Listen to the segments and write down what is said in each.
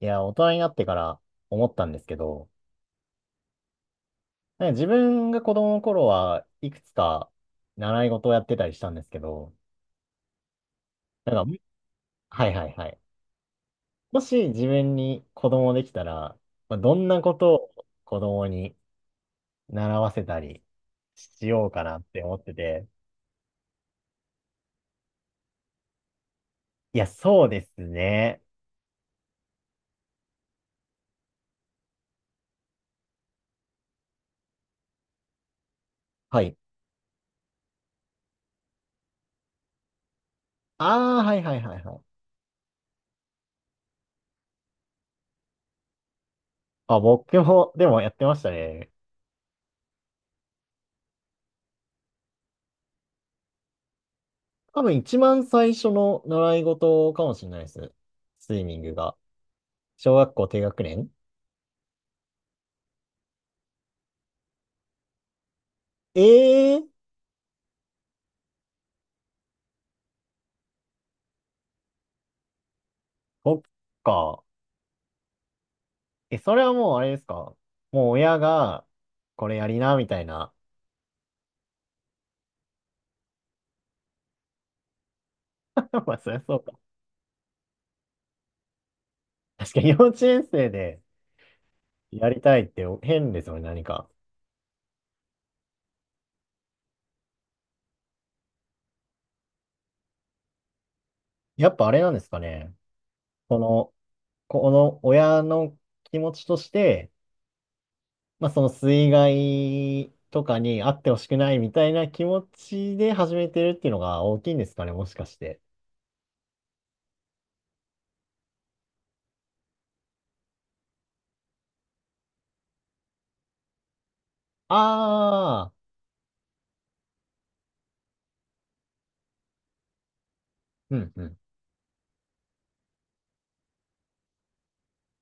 いや、大人になってから思ったんですけど、自分が子供の頃はいくつか習い事をやってたりしたんですけど、なんか、はいはいはい。もし自分に子供できたら、まあ、どんなことを子供に習わせたりしようかなって思ってて。いや、そうですね。はい。ああ、はいはいはいはい。あ、僕も、でもやってましたね。多分一番最初の習い事かもしれないです。スイミングが。小学校低学年。ええー、そっか。え、それはもうあれですか。もう親が、これやりな、みたいな。まあ、そりゃそうか。確かに幼稚園生でやりたいって変ですよね、何か。やっぱあれなんですかね。この、この親の気持ちとして、まあ、その水害とかにあってほしくないみたいな気持ちで始めてるっていうのが大きいんですかね、もしかして。ああ、うんうん。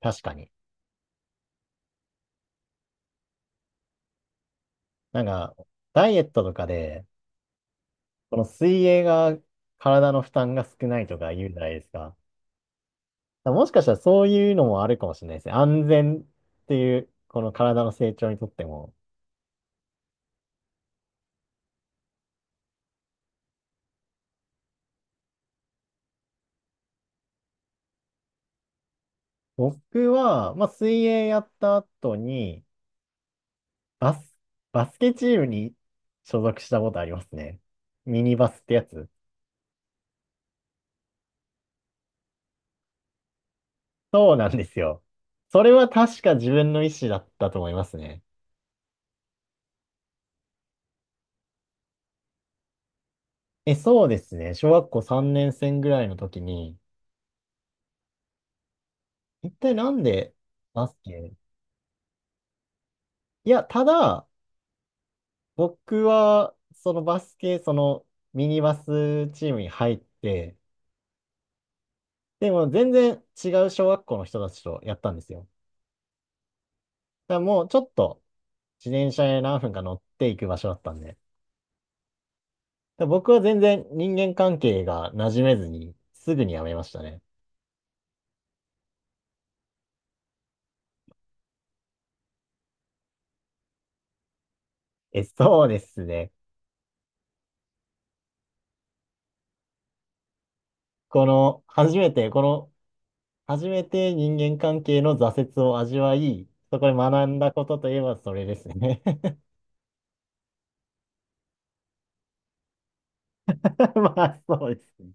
確かに。なんか、ダイエットとかで、この水泳が体の負担が少ないとか言うじゃないですか。だからもしかしたらそういうのもあるかもしれないですね。安全っていう、この体の成長にとっても。僕は、まあ、水泳やった後に、バス、バスケチームに所属したことありますね。ミニバスってやつ。そうなんですよ。それは確か自分の意思だったと思いますね。え、そうですね。小学校3年生ぐらいの時に、一体なんでバスケ。いや、ただ、僕は、そのバスケ、そのミニバスチームに入って、でも全然違う小学校の人たちとやったんですよ。だからもうちょっと自転車で何分か乗っていく場所だったんで。だから僕は全然人間関係が馴染めずに、すぐに辞めましたね。え、そうですね。この、初めて、この、初めて人間関係の挫折を味わい、そこで学んだことといえばそれですね。まあ、そうですね。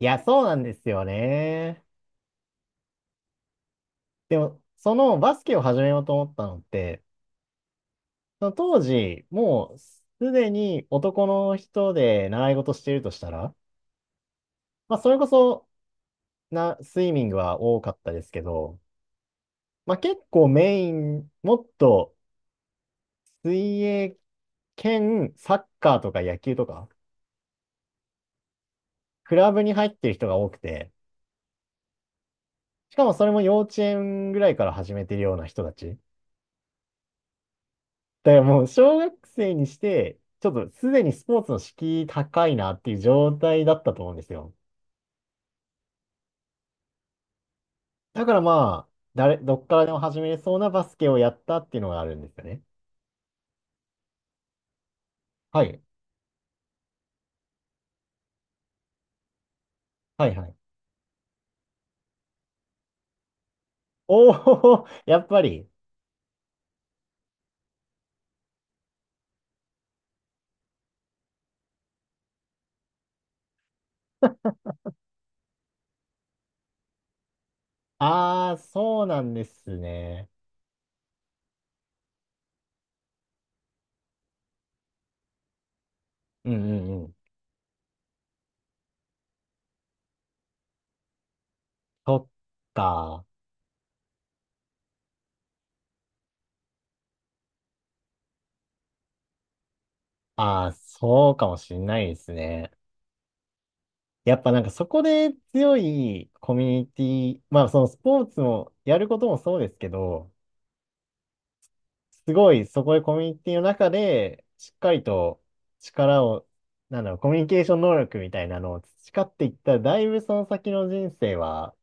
いや、そうなんですよね。でも、そのバスケを始めようと思ったのって、その当時、もうすでに男の人で習い事してるとしたら、まあ、それこそスイミングは多かったですけど、まあ、結構メイン、もっと水泳兼サッカーとか野球とか、クラブに入ってる人が多くて、しかもそれも幼稚園ぐらいから始めてるような人たち。だからもう小学生にして、ちょっとすでにスポーツの敷居高いなっていう状態だったと思うんですよ。だからまあ、どっからでも始めれそうなバスケをやったっていうのがあるんですよね。はい。はいはい。おお、やっぱり。ああ、そうなんですね。うんうんうん。そっか。ああ、そうかもしんないですね。やっぱそこで強いコミュニティ、まあそのスポーツもやることもそうですけど、すごい、そこでコミュニティの中で、しっかりと力を、なんだろう、コミュニケーション能力みたいなのを培っていったら、だいぶその先の人生は、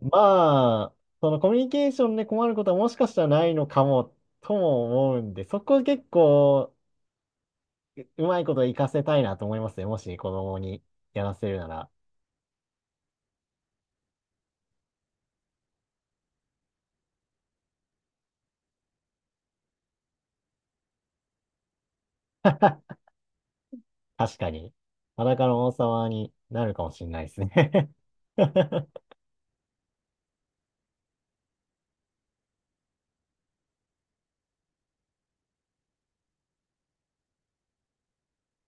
まあ、そのコミュニケーションで困ることはもしかしたらないのかも、とも思うんで、そこ結構、うまいこと活かせたいなと思いますね。もし子供にやらせるなら、確かに、裸の王様になるかもしれないですね。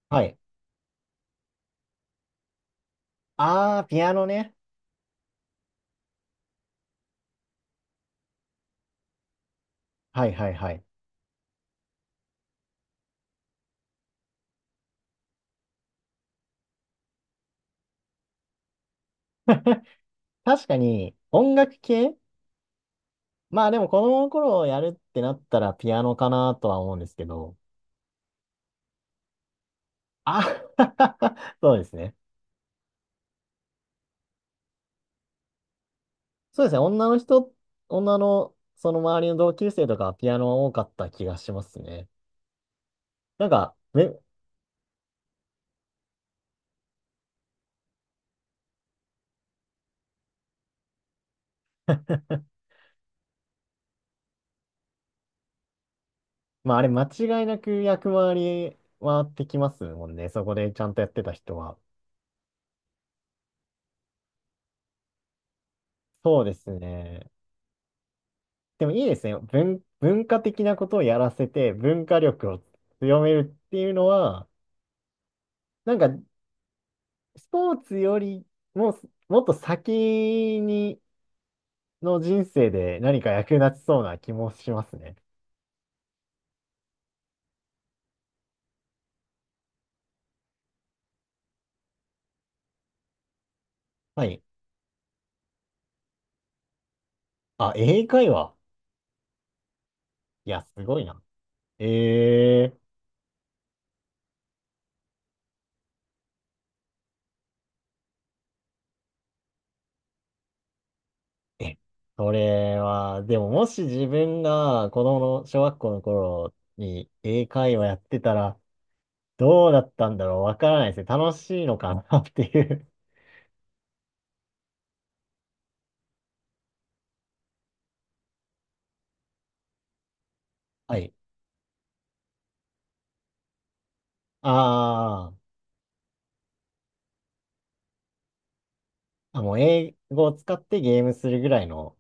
はい。あー、ピアノね。はいはいはい。確かに音楽系。まあでも子供の頃やるってなったらピアノかなとは思うんですけど。あ そうですね。そうですね。女のその周りの同級生とかはピアノは多かった気がしますね。なんか、め まああれ間違いなく役回り回ってきますもんね。そこでちゃんとやってた人は。そうですね。でもいいですね。文化的なことをやらせて文化力を強めるっていうのは、なんかスポーツよりも、もっと先にの人生で何か役立ちそうな気もしますね。はい。あ、英会話。いや、すごいな。ええ、それは、でももし自分が子供の小学校の頃に英会話やってたら、どうだったんだろうわからないですね。楽しいのかなっていう。はい。あーあ、もう英語を使ってゲームするぐらいの。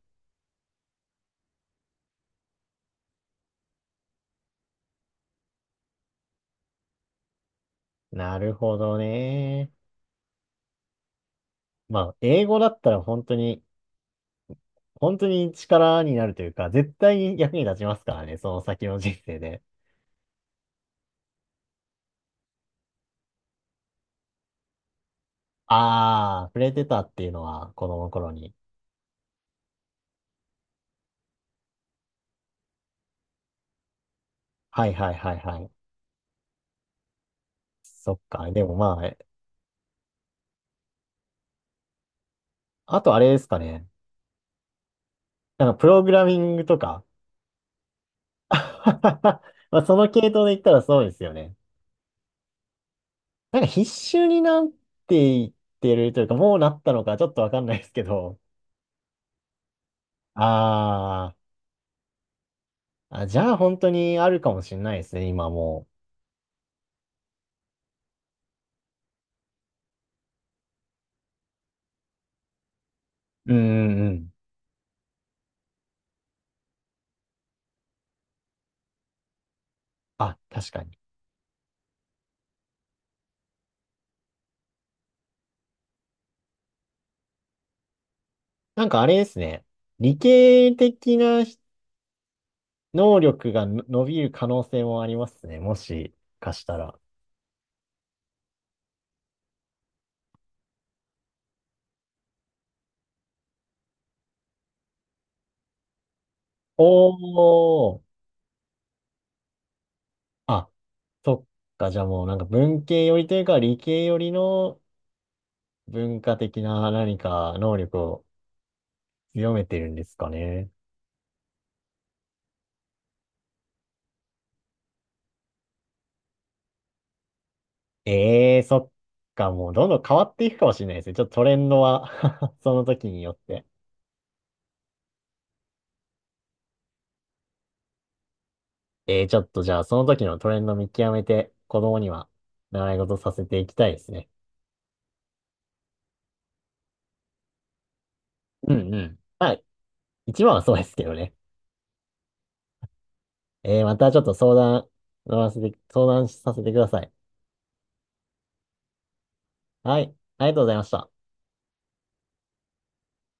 なるほどね。まあ、英語だったら本当に、本当に力になるというか、絶対に役に立ちますからね、その先の人生で。ああ、触れてたっていうのは子供の頃に。はいはいはいはい。そっか。でもまあ、あとあれですかね。プログラミングとか。まあ、その系統で言ったらそうですよね。必修になっていってるというか、もうなったのかちょっとわかんないですけど。あーあ、じゃあ本当にあるかもしれないですね、今もう。うんうんうん。あ、確かに。あれですね。理系的な能力の伸びる可能性もありますね。もしかしたら。おー。あ、そっか。じゃあもう文系寄りというか理系寄りの文化的な何か能力を強めてるんですかね。ええー、そっか。もうどんどん変わっていくかもしれないですね。ちょっとトレンドは その時によって。ええー、ちょっとじゃあその時のトレンド見極めて子供には習い事させていきたいですね。うんうん。まあ、一番はそうですけどね。またちょっと相談させてください。はい。ありがとうございました。